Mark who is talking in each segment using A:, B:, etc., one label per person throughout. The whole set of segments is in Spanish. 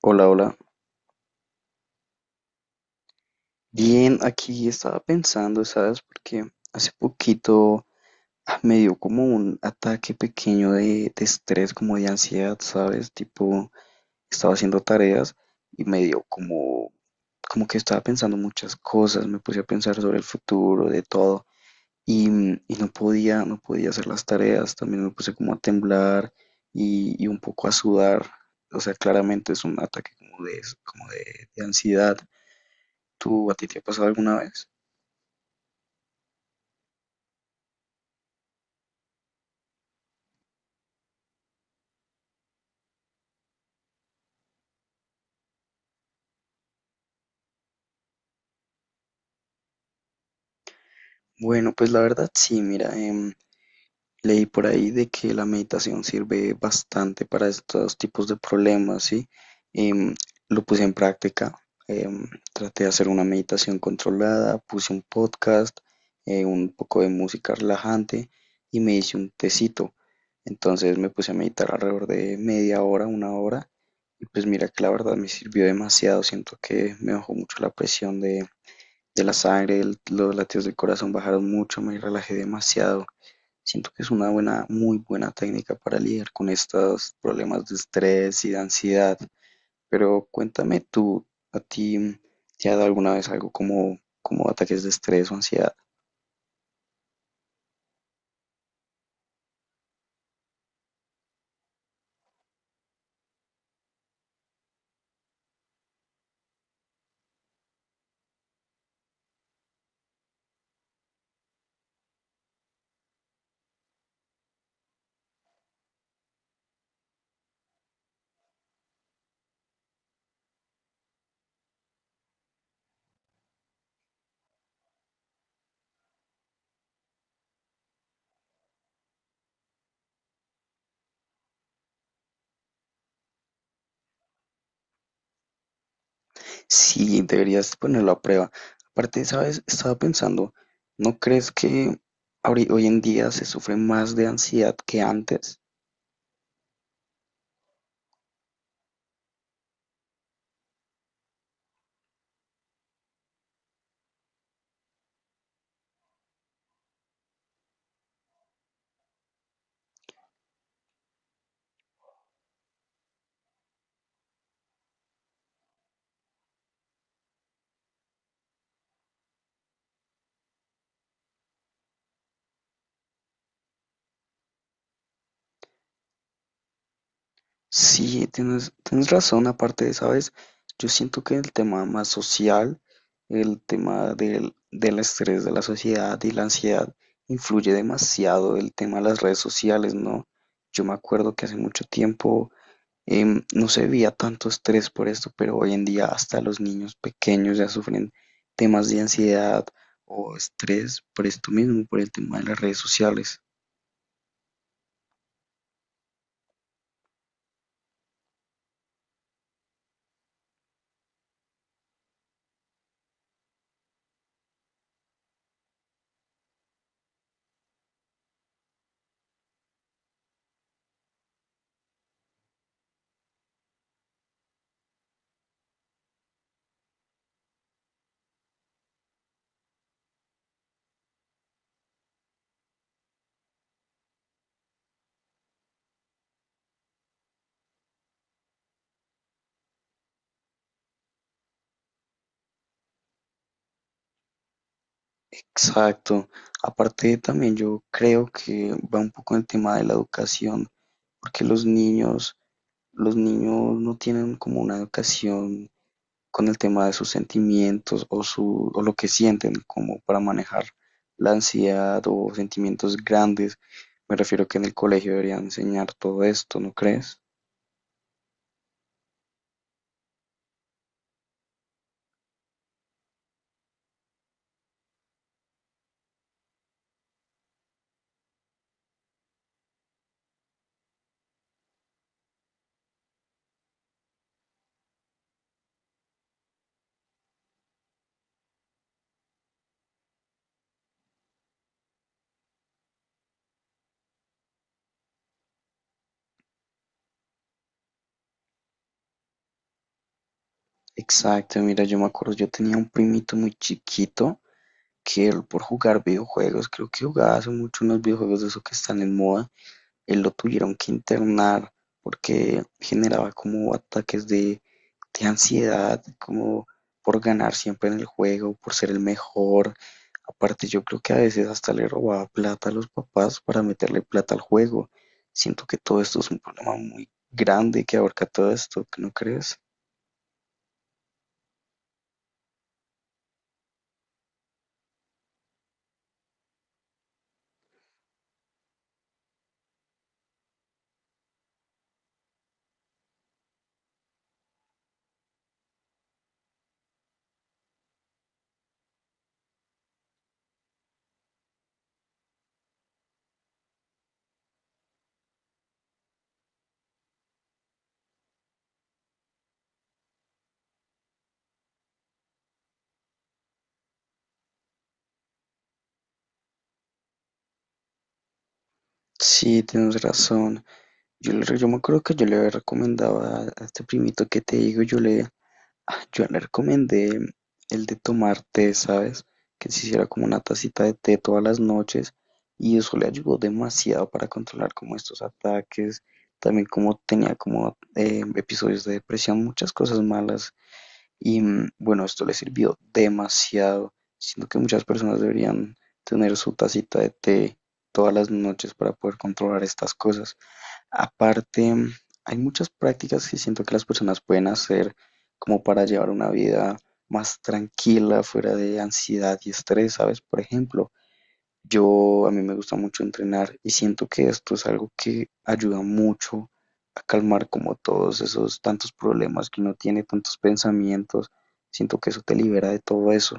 A: Hola, hola. Bien, aquí estaba pensando, ¿sabes? Porque hace poquito me dio como un ataque pequeño de estrés, como de ansiedad, ¿sabes? Tipo, estaba haciendo tareas y me dio como, como que estaba pensando muchas cosas, me puse a pensar sobre el futuro, de todo, y no podía hacer las tareas, también me puse como a temblar y un poco a sudar. O sea, claramente es un ataque como de, como de ansiedad. ¿Tú a ti te ha pasado alguna vez? Bueno, pues la verdad sí, mira, leí por ahí de que la meditación sirve bastante para estos tipos de problemas, ¿sí? Em, lo puse en práctica, traté de hacer una meditación controlada, puse un podcast, un poco de música relajante y me hice un tecito. Entonces me puse a meditar alrededor de media hora, una hora, y pues mira que la verdad me sirvió demasiado, siento que me bajó mucho la presión de la sangre, los latidos del corazón bajaron mucho, me relajé demasiado. Siento que es una buena, muy buena técnica para lidiar con estos problemas de estrés y de ansiedad. Pero cuéntame tú, ¿a ti te ha dado alguna vez algo como, como ataques de estrés o ansiedad? Sí, deberías ponerlo a prueba. Aparte, ¿sabes? Estaba pensando, ¿no crees que hoy en día se sufre más de ansiedad que antes? Sí, tienes razón, aparte de, ¿sabes? Yo siento que el tema más social, el tema del estrés de la sociedad y la ansiedad, influye demasiado el tema de las redes sociales, ¿no? Yo me acuerdo que hace mucho tiempo no se veía tanto estrés por esto, pero hoy en día hasta los niños pequeños ya sufren temas de ansiedad o estrés por esto mismo, por el tema de las redes sociales. Exacto. Aparte también yo creo que va un poco el tema de la educación, porque los niños no tienen como una educación con el tema de sus sentimientos o su, o lo que sienten como para manejar la ansiedad o sentimientos grandes. Me refiero que en el colegio deberían enseñar todo esto, ¿no crees? Exacto, mira, yo me acuerdo, yo tenía un primito muy chiquito que él por jugar videojuegos, creo que jugaba hace mucho unos videojuegos de esos que están en moda, lo tuvieron que internar porque generaba como ataques de ansiedad, como por ganar siempre en el juego, por ser el mejor. Aparte, yo creo que a veces hasta le robaba plata a los papás para meterle plata al juego. Siento que todo esto es un problema muy grande que abarca todo esto, ¿no crees? Sí, tienes razón. Yo me acuerdo que yo le, recomendaba a este primito que te digo, yo le recomendé el de tomar té, ¿sabes? Que se hiciera como una tacita de té todas las noches y eso le ayudó demasiado para controlar como estos ataques, también como tenía como episodios de depresión, muchas cosas malas y bueno, esto le sirvió demasiado. Siento que muchas personas deberían tener su tacita de té todas las noches para poder controlar estas cosas. Aparte, hay muchas prácticas que siento que las personas pueden hacer como para llevar una vida más tranquila, fuera de ansiedad y estrés, ¿sabes? Por ejemplo, yo a mí me gusta mucho entrenar y siento que esto es algo que ayuda mucho a calmar como todos esos tantos problemas que uno tiene, tantos pensamientos. Siento que eso te libera de todo eso.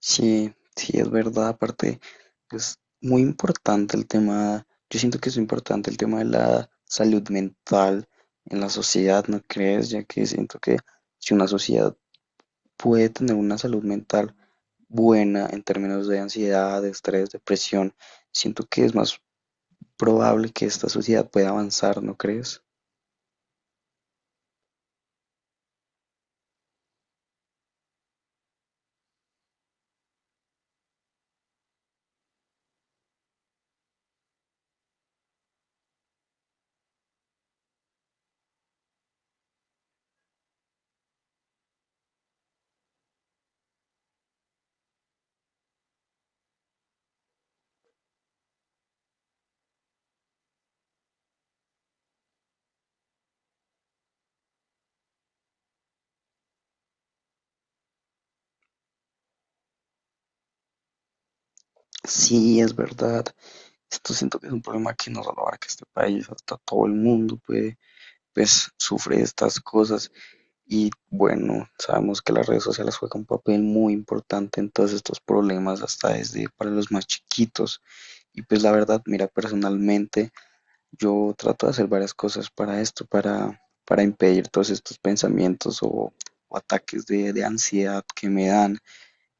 A: Sí, sí, es verdad. Aparte, es muy importante el tema, yo siento que es importante el tema de la salud mental en la sociedad, ¿no crees? Ya que siento que si una sociedad puede tener una salud mental buena en términos de ansiedad, de estrés, depresión, siento que es más probable que esta sociedad pueda avanzar, ¿no crees? Sí, es verdad. Esto siento que es un problema que no solo abarca este país, hasta todo el mundo puede, pues, sufre de estas cosas. Y bueno, sabemos que las redes sociales juegan un papel muy importante en todos estos problemas, hasta desde para los más chiquitos. Y pues la verdad, mira, personalmente yo trato de hacer varias cosas para esto, para impedir todos estos pensamientos o ataques de ansiedad que me dan.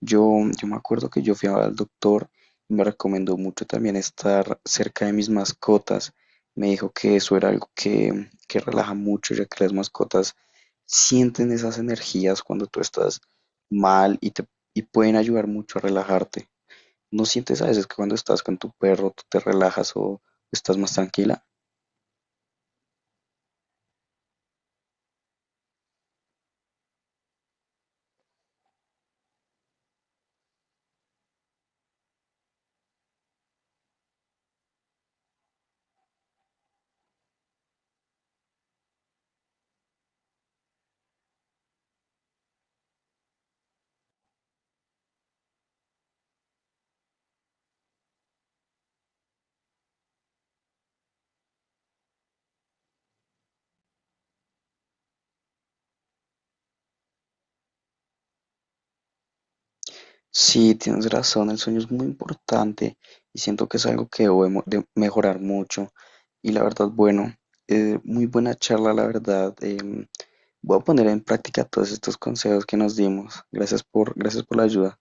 A: Yo, yo me acuerdo que yo fui al doctor y me recomendó mucho también estar cerca de mis mascotas. Me dijo que eso era algo que relaja mucho, ya que las mascotas sienten esas energías cuando tú estás mal y te y pueden ayudar mucho a relajarte. ¿No sientes a veces que cuando estás con tu perro tú te relajas o estás más tranquila? Sí, tienes razón, el sueño es muy importante y siento que es algo que debo de mejorar mucho. Y la verdad, bueno, muy buena charla, la verdad. Voy a poner en práctica todos estos consejos que nos dimos. Gracias por la ayuda.